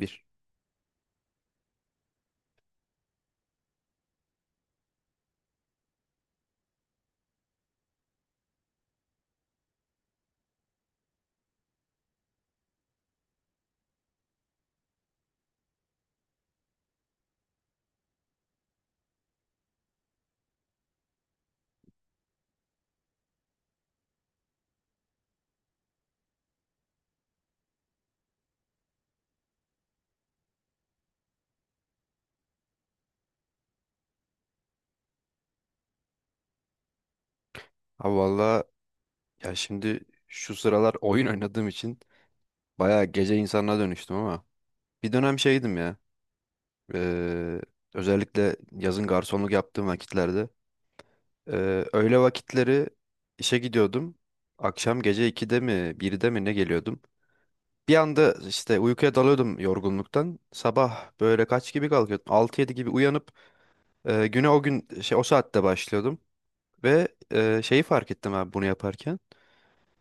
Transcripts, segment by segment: Bir. Abi valla ya şimdi şu sıralar oyun oynadığım için bayağı gece insanına dönüştüm ama bir dönem şeydim ya. eee, Özellikle yazın garsonluk yaptığım vakitlerde öğle vakitleri işe gidiyordum. Akşam gece 2'de mi 1'de mi ne geliyordum. Bir anda işte uykuya dalıyordum yorgunluktan. Sabah böyle kaç gibi kalkıyordum? Altı yedi gibi uyanıp güne o gün şey o saatte başlıyordum. Ve şeyi fark ettim abi bunu yaparken.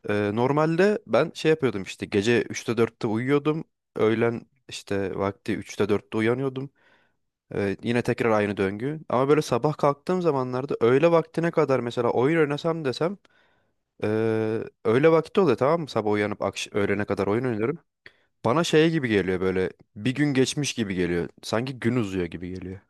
Normalde ben şey yapıyordum işte gece üçte dörtte uyuyordum. Öğlen işte vakti üçte dörtte uyanıyordum. Yine tekrar aynı döngü. Ama böyle sabah kalktığım zamanlarda öğle vaktine kadar mesela oyun oynasam desem ee, öğle vakti oluyor, tamam mı? Sabah uyanıp öğlene kadar oyun oynuyorum. Bana şey gibi geliyor, böyle bir gün geçmiş gibi geliyor. Sanki gün uzuyor gibi geliyor.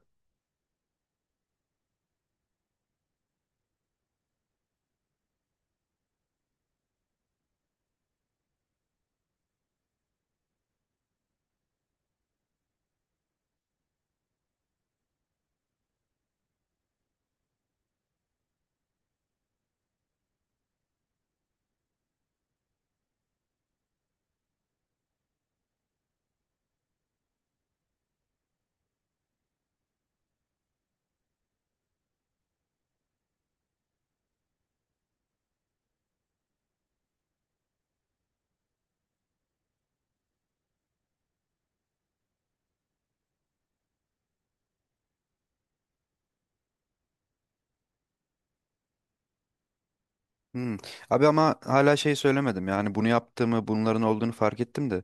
Hmm. Abi ama hala şey söylemedim, yani bunu yaptığımı bunların olduğunu fark ettim de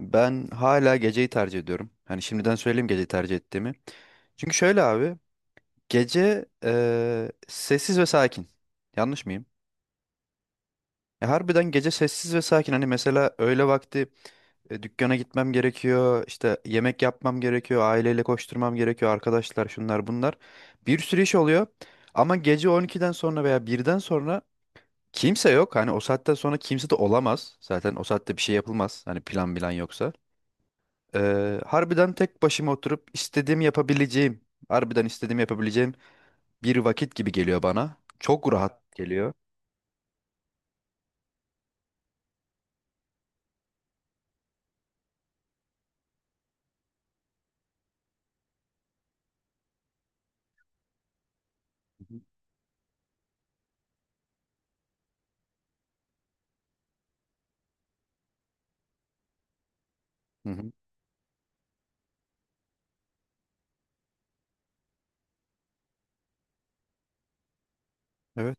ben hala geceyi tercih ediyorum. Hani şimdiden söyleyeyim geceyi tercih ettiğimi. Çünkü şöyle abi, gece sessiz ve sakin. Yanlış mıyım? Ya harbiden gece sessiz ve sakin. Hani mesela öğle vakti dükkana gitmem gerekiyor, işte yemek yapmam gerekiyor, aileyle koşturmam gerekiyor, arkadaşlar şunlar bunlar. Bir sürü iş oluyor. Ama gece 12'den sonra veya bir'den sonra kimse yok. Hani o saatten sonra kimse de olamaz. Zaten o saatte bir şey yapılmaz. Hani plan bilen yoksa. Harbiden tek başıma oturup istediğimi yapabileceğim, harbiden istediğimi yapabileceğim bir vakit gibi geliyor bana. Çok rahat geliyor. Hı hı. Evet,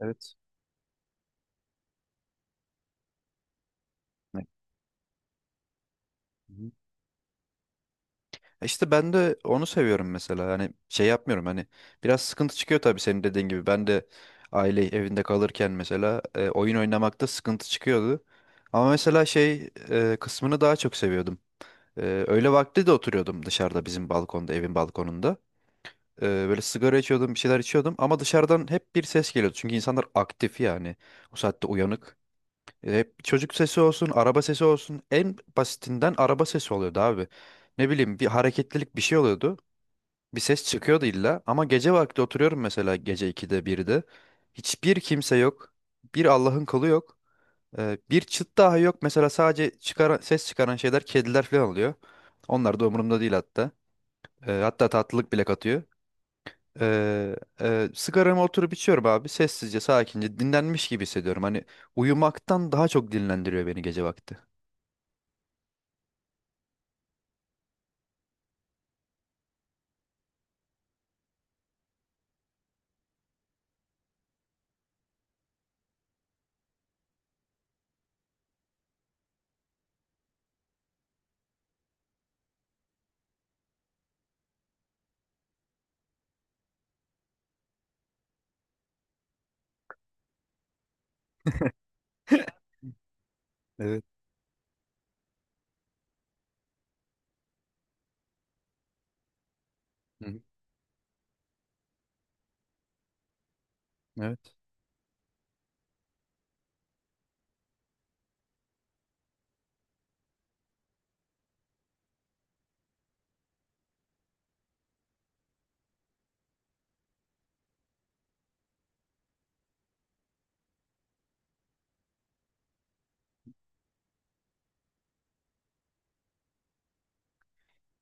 evet. Evet. Hı hı. E, İşte ben de onu seviyorum mesela. Hani şey yapmıyorum, hani biraz sıkıntı çıkıyor tabii senin dediğin gibi. Ben de aile evinde kalırken mesela oyun oynamakta sıkıntı çıkıyordu. Ama mesela şey kısmını daha çok seviyordum. Öğle vakti de oturuyordum dışarıda bizim balkonda, evin balkonunda. Böyle sigara içiyordum, bir şeyler içiyordum ama dışarıdan hep bir ses geliyordu. Çünkü insanlar aktif yani, o saatte uyanık. Hep çocuk sesi olsun, araba sesi olsun. En basitinden araba sesi oluyordu abi. Ne bileyim bir hareketlilik bir şey oluyordu. Bir ses çıkıyordu illa, ama gece vakti oturuyorum mesela gece 2'de 1'de. Hiçbir kimse yok. Bir Allah'ın kulu yok. Bir çıt daha yok. Mesela sadece ses çıkaran şeyler kediler falan oluyor. Onlar da umurumda değil hatta. Hatta tatlılık bile katıyor. Ee, Sigaramı oturup içiyorum abi. Sessizce, sakince, dinlenmiş gibi hissediyorum. Hani uyumaktan daha çok dinlendiriyor beni gece vakti. Evet. Hı hı. Evet.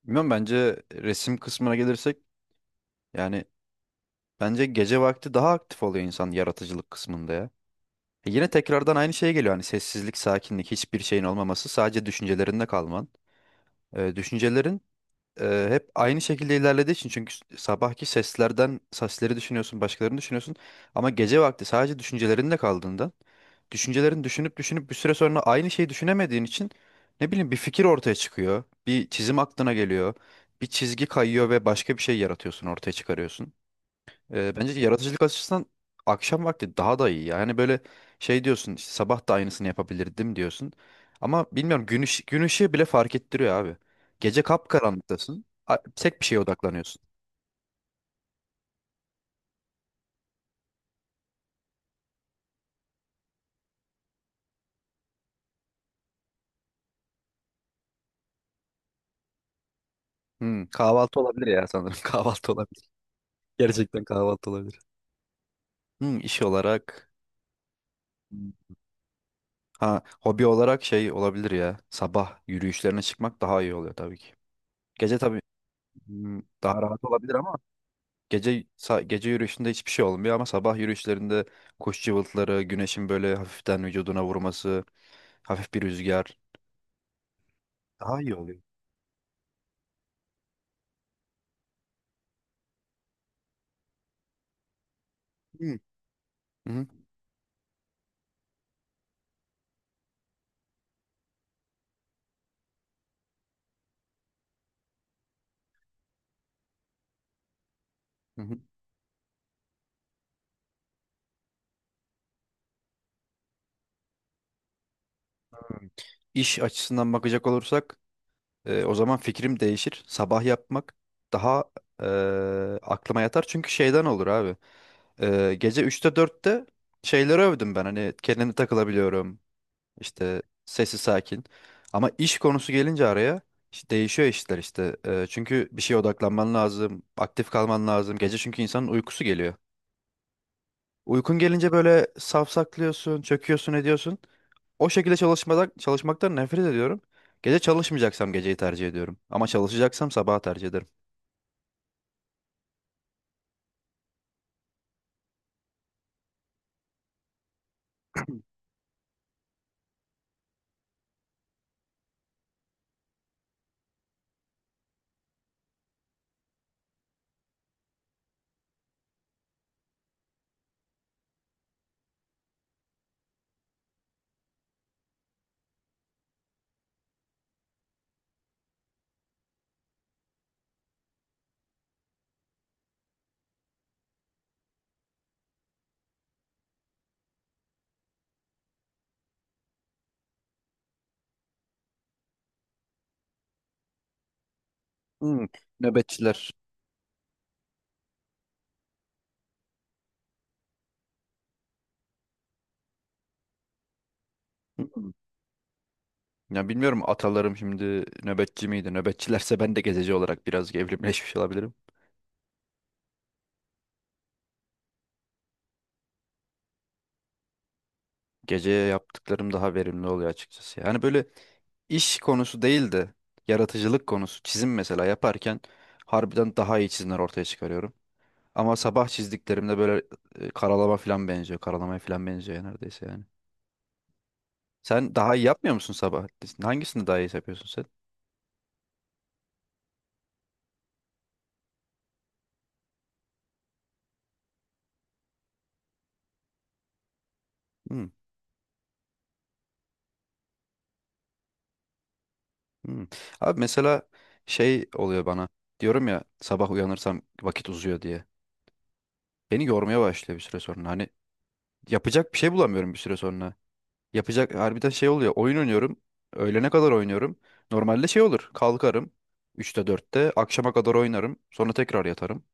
Bilmiyorum, bence resim kısmına gelirsek, yani bence gece vakti daha aktif oluyor insan yaratıcılık kısmında ya. E, yine tekrardan aynı şeye geliyor, hani sessizlik, sakinlik, hiçbir şeyin olmaması, sadece düşüncelerinde kalman. Düşüncelerin hep aynı şekilde ilerlediği için, çünkü sabahki sesleri düşünüyorsun, başkalarını düşünüyorsun, ama gece vakti sadece düşüncelerinle kaldığında düşüncelerini düşünüp düşünüp bir süre sonra aynı şeyi düşünemediğin için ne bileyim bir fikir ortaya çıkıyor, bir çizim aklına geliyor, bir çizgi kayıyor ve başka bir şey yaratıyorsun, ortaya çıkarıyorsun. Bence yaratıcılık açısından akşam vakti daha da iyi. Yani böyle şey diyorsun, işte sabah da aynısını yapabilirdim diyorsun. Ama bilmiyorum, gün ışığı bile fark ettiriyor abi. Gece kapkaranlıktasın. Tek bir şeye odaklanıyorsun. Hmm, kahvaltı olabilir ya sanırım. Kahvaltı olabilir. Gerçekten kahvaltı olabilir. Hmm, iş olarak. Hmm, ha, hobi olarak şey olabilir ya. Sabah yürüyüşlerine çıkmak daha iyi oluyor tabii ki. Gece tabii hmm, daha rahat olabilir ama gece gece yürüyüşünde hiçbir şey olmuyor, ama sabah yürüyüşlerinde kuş cıvıltıları, güneşin böyle hafiften vücuduna vurması, hafif bir rüzgar daha iyi oluyor. Hı. Hı hı. Hı hı. İş açısından bakacak olursak o zaman fikrim değişir. Sabah yapmak daha e, aklıma yatar, çünkü şeyden olur abi. Gece üçte dörtte şeyleri övdüm ben, hani kendimi takılabiliyorum. İşte sesi sakin. Ama iş konusu gelince araya işte değişiyor işler işte. Çünkü bir şeye odaklanman lazım, aktif kalman lazım. Gece çünkü insanın uykusu geliyor. Uykun gelince böyle safsaklıyorsun, çöküyorsun, ediyorsun. O şekilde çalışmaktan nefret ediyorum. Gece çalışmayacaksam geceyi tercih ediyorum. Ama çalışacaksam sabahı tercih ederim. Hmm, nöbetçiler. Hmm. Ya bilmiyorum, atalarım şimdi nöbetçi miydi? Nöbetçilerse ben de gececi olarak biraz evrimleşmiş olabilirim. Gece yaptıklarım daha verimli oluyor açıkçası. Yani böyle iş konusu değil de yaratıcılık konusu, çizim mesela yaparken harbiden daha iyi çizimler ortaya çıkarıyorum. Ama sabah çizdiklerimde böyle karalama falan benziyor. Karalamaya falan benziyor ya, neredeyse yani. Sen daha iyi yapmıyor musun sabah? Hangisini daha iyi yapıyorsun sen? Hmm, hmm. Abi mesela şey oluyor bana. Diyorum ya, sabah uyanırsam vakit uzuyor diye. Beni yormaya başlıyor bir süre sonra. Hani yapacak bir şey bulamıyorum bir süre sonra. Yapacak harbiden şey oluyor. Oyun oynuyorum. Öğlene kadar oynuyorum. Normalde şey olur. Kalkarım. Üçte dörtte akşama kadar oynarım. Sonra tekrar yatarım.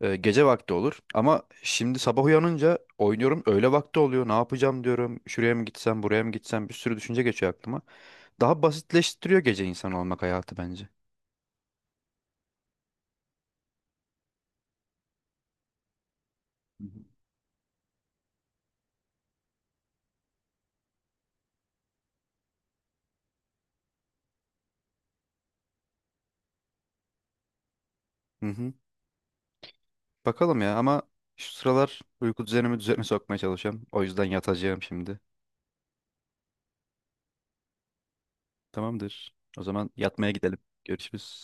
Gece vakti olur. Ama şimdi sabah uyanınca oynuyorum. Öğle vakti oluyor. Ne yapacağım diyorum. Şuraya mı gitsem, buraya mı gitsem. Bir sürü düşünce geçiyor aklıma. Daha basitleştiriyor gece insan olmak hayatı bence. Hı hı. Hı hı. Bakalım ya, ama şu sıralar uyku düzenimi düzene sokmaya çalışıyorum. O yüzden yatacağım şimdi. Tamamdır. O zaman yatmaya gidelim. Görüşürüz.